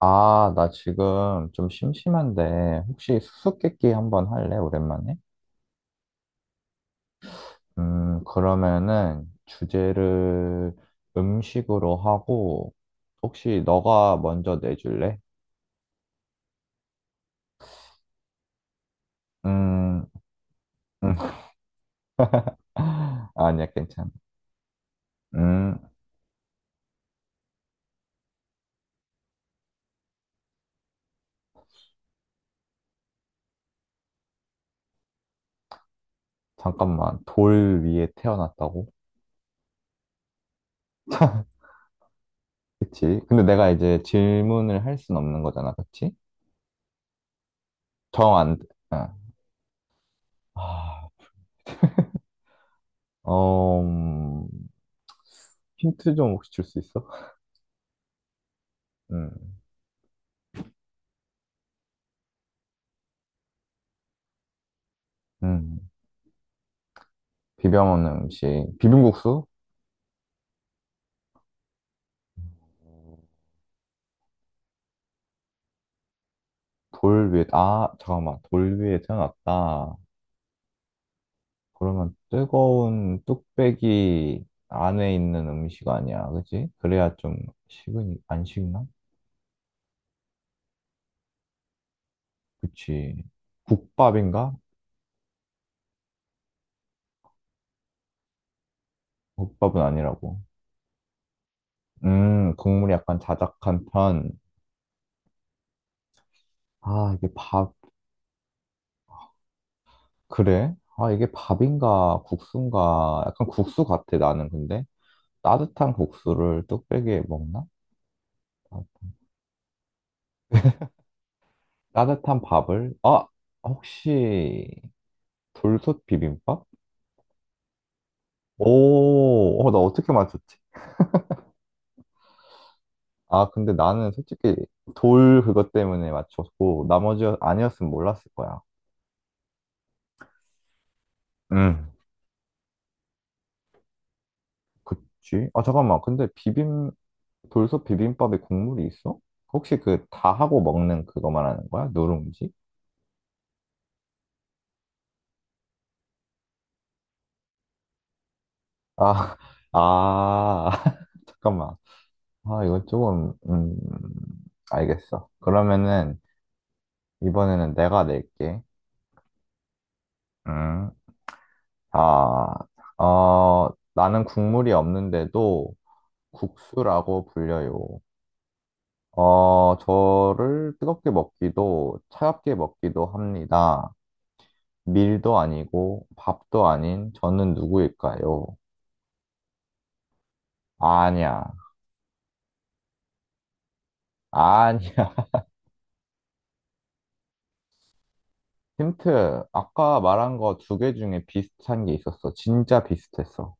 아, 나 지금 좀 심심한데, 혹시 수수께끼 한번 할래, 오랜만에? 그러면은 주제를 음식으로 하고, 혹시 너가 먼저 내줄래? 음, 음. 아니야, 괜찮아. 음, 잠깐만. 돌 위에 태어났다고? 그치? 근데 내가 이제 질문을 할 순 없는 거잖아, 그치? 정 안, 어, 아, 어, 힌트 좀 혹시 줄 수 있어? 음, 음. 비벼 먹는 음식. 비빔국수? 돌 위에, 잠깐만. 돌 위에 태어났다. 그러면 뜨거운 뚝배기 안에 있는 음식 아니야. 그치? 그래야 좀 식으니, 안 식나? 그치. 국밥인가? 국밥은 아니라고. 국물이 약간 자작한 편. 아, 이게 밥, 그래? 아, 이게 밥인가, 국수인가. 약간 국수 같아, 나는 근데. 따뜻한 국수를 뚝배기에 먹나? 아, 따뜻한 밥을, 혹시 돌솥 비빔밥? 오, 나 어떻게 맞췄지? 아, 근데 나는 솔직히 돌 그것 때문에 맞췄고, 나머지 아니었으면 몰랐을 거야. 응. 그치? 잠깐만. 근데 돌솥 비빔밥에 국물이 있어? 혹시 그 다 하고 먹는 그거 말하는 거야? 누룽지? 아, 아, 잠깐만. 아, 이건 조금, 알겠어. 그러면은, 이번에는 내가 낼게. 음. 아, 어, 나는 국물이 없는데도 국수라고 불려요. 저를 뜨겁게 먹기도 차갑게 먹기도 합니다. 밀도 아니고 밥도 아닌 저는 누구일까요? 아니야. 아니야. 힌트. 아까 말한 거 두 개 중에 비슷한 게 있었어. 진짜 비슷했어.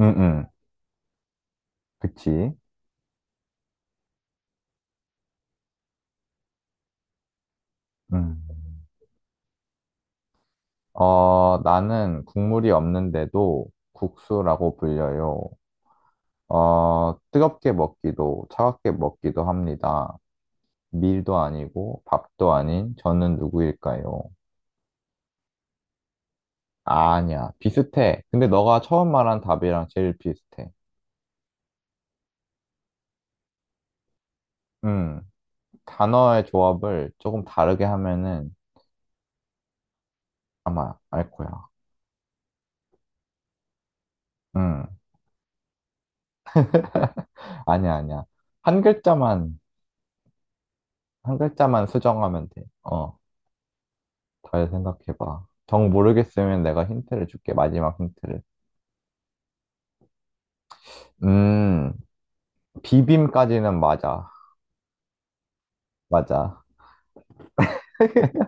응, 응. 그치? 음. 나는 국물이 없는데도 국수라고 불려요. 뜨겁게 먹기도, 차갑게 먹기도 합니다. 밀도 아니고, 밥도 아닌, 저는 누구일까요? 아, 아니야. 비슷해. 근데 너가 처음 말한 답이랑 제일 비슷해. 음, 단어의 조합을 조금 다르게 하면은 아마 알 거야. 음, 아니야, 아니야. 한 글자만, 한 글자만 수정하면 돼. 잘 생각해봐. 정 모르겠으면 내가 힌트를 줄게. 마지막 힌트를. 음, 비빔까지는 맞아. 맞아.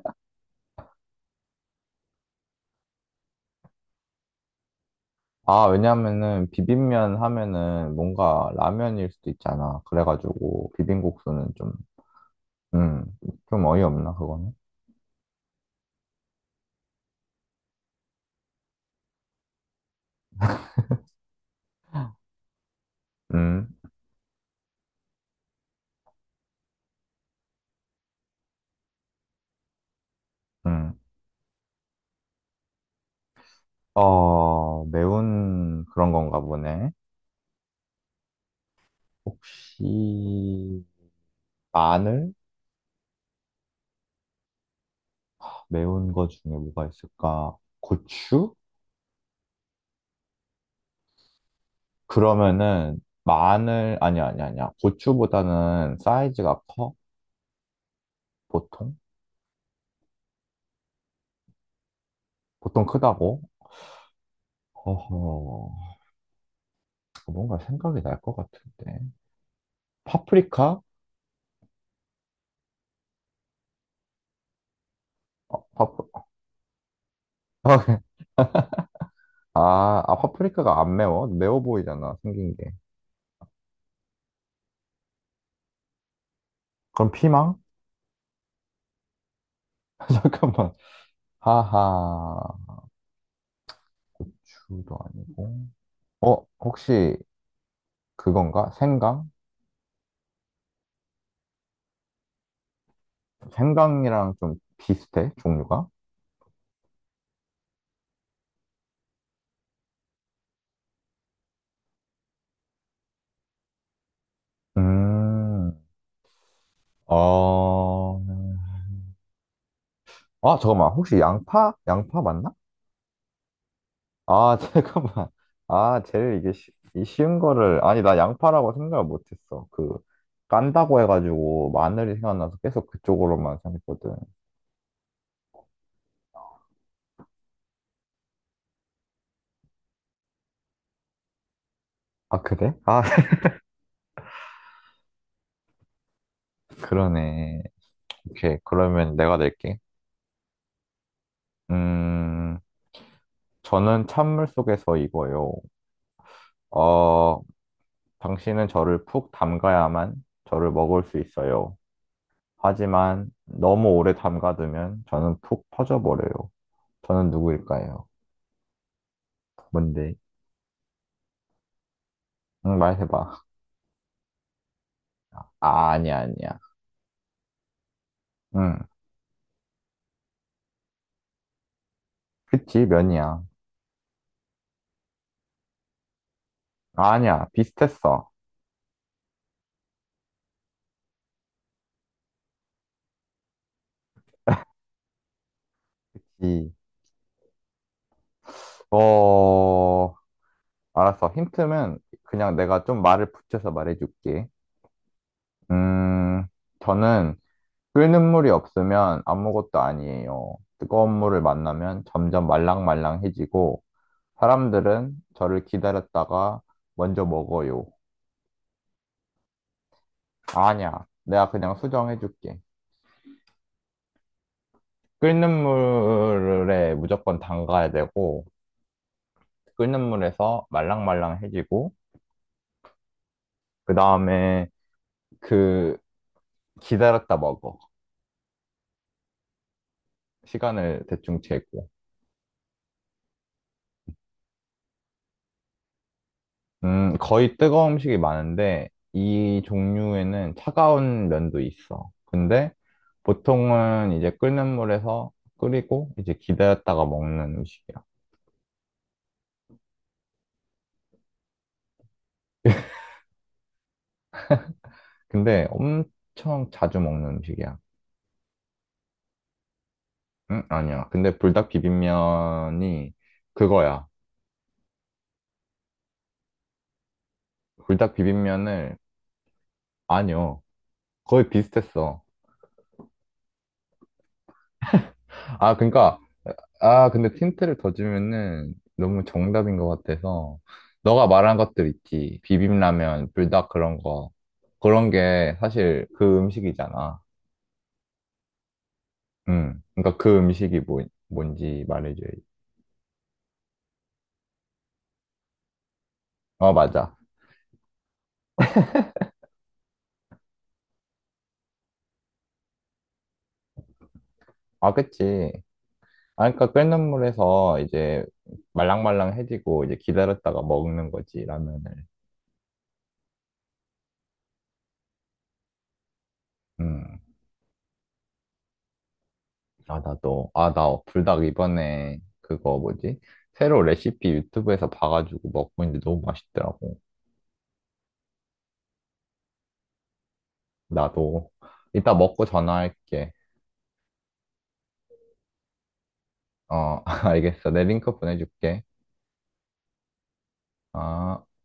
아, 왜냐면은 비빔면 하면은 뭔가 라면일 수도 있잖아. 그래가지고 비빔국수는 좀, 음, 좀 어이없나, 그거는? 음, 음. 매운 그런 건가 보네. 혹시 마늘? 매운 거 중에 뭐가 있을까? 고추? 그러면은 아니야, 아니야, 아니야. 고추보다는 사이즈가 커? 보통? 보통 크다고? 어허, 뭔가 생각이 날 것 같은데. 파프리카? 파프... 아, 아, 파프리카가 안 매워? 매워 보이잖아, 생긴 게. 그럼 피망? 잠깐만. 하하. 고추도 아니고. 혹시 그건가? 생강? 생강이랑 좀 비슷해, 종류가? 음, 어, 잠깐만. 혹시 양파? 양파 맞나? 아, 잠깐만. 아, 제일 이게 쉬, 이 쉬운 거를, 아니, 나 양파라고 생각을 못했어. 깐다고 해가지고 마늘이 생각나서 계속 그쪽으로만 생각했거든. 아, 그래? 아, 그러네. 오케이. 그러면 내가 낼게. 음, 저는 찬물 속에서 익어요. 어, 당신은 저를 푹 담가야만 저를 먹을 수 있어요. 하지만 너무 오래 담가두면 저는 푹 퍼져버려요. 저는 누구일까요? 뭔데? 응, 말해봐. 아, 아니야, 아니야. 응, 그치, 면이야. 아, 아니야, 비슷했어. 그치. 어, 알았어. 힌트는 그냥 내가 좀 말을 붙여서 말해줄게. 음, 저는 끓는 물이 없으면 아무것도 아니에요. 뜨거운 물을 만나면 점점 말랑말랑해지고, 사람들은 저를 기다렸다가 먼저 먹어요. 아니야, 내가 그냥 수정해줄게. 끓는 물에 무조건 담가야 되고, 끓는 물에서 말랑말랑해지고, 그 다음에 그 기다렸다 먹어. 시간을 대충 재고. 거의 뜨거운 음식이 많은데 이 종류에는 차가운 면도 있어. 근데 보통은 이제 끓는 물에서 끓이고 이제 기다렸다가 먹는 음식이야. 근데 엄청 자주 먹는 음식이야. 응? 아니야. 근데 불닭 비빔면이 그거야. 불닭 비빔면을 아니요. 거의 비슷했어. 아, 그러니까 아, 근데 틴트를 더 주면은 너무 정답인 것 같아서, 너가 말한 것들 있지. 비빔라면, 불닭 그런 거. 그런 게 사실 그 음식이잖아. 응. 그러니까 그 음식이 뭔지 말해줘야지. 맞아. 아, 그치. 아, 그러니까 끓는 물에서 이제 말랑말랑해지고 이제 기다렸다가 먹는 거지, 라면을. 음. 아, 나도. 아, 나 불닭 이번에 그거 뭐지? 새로 레시피 유튜브에서 봐가지고 먹고 있는데 너무 맛있더라고. 나도. 이따 먹고 전화할게. 어, 알겠어. 내 링크 보내줄게. 아.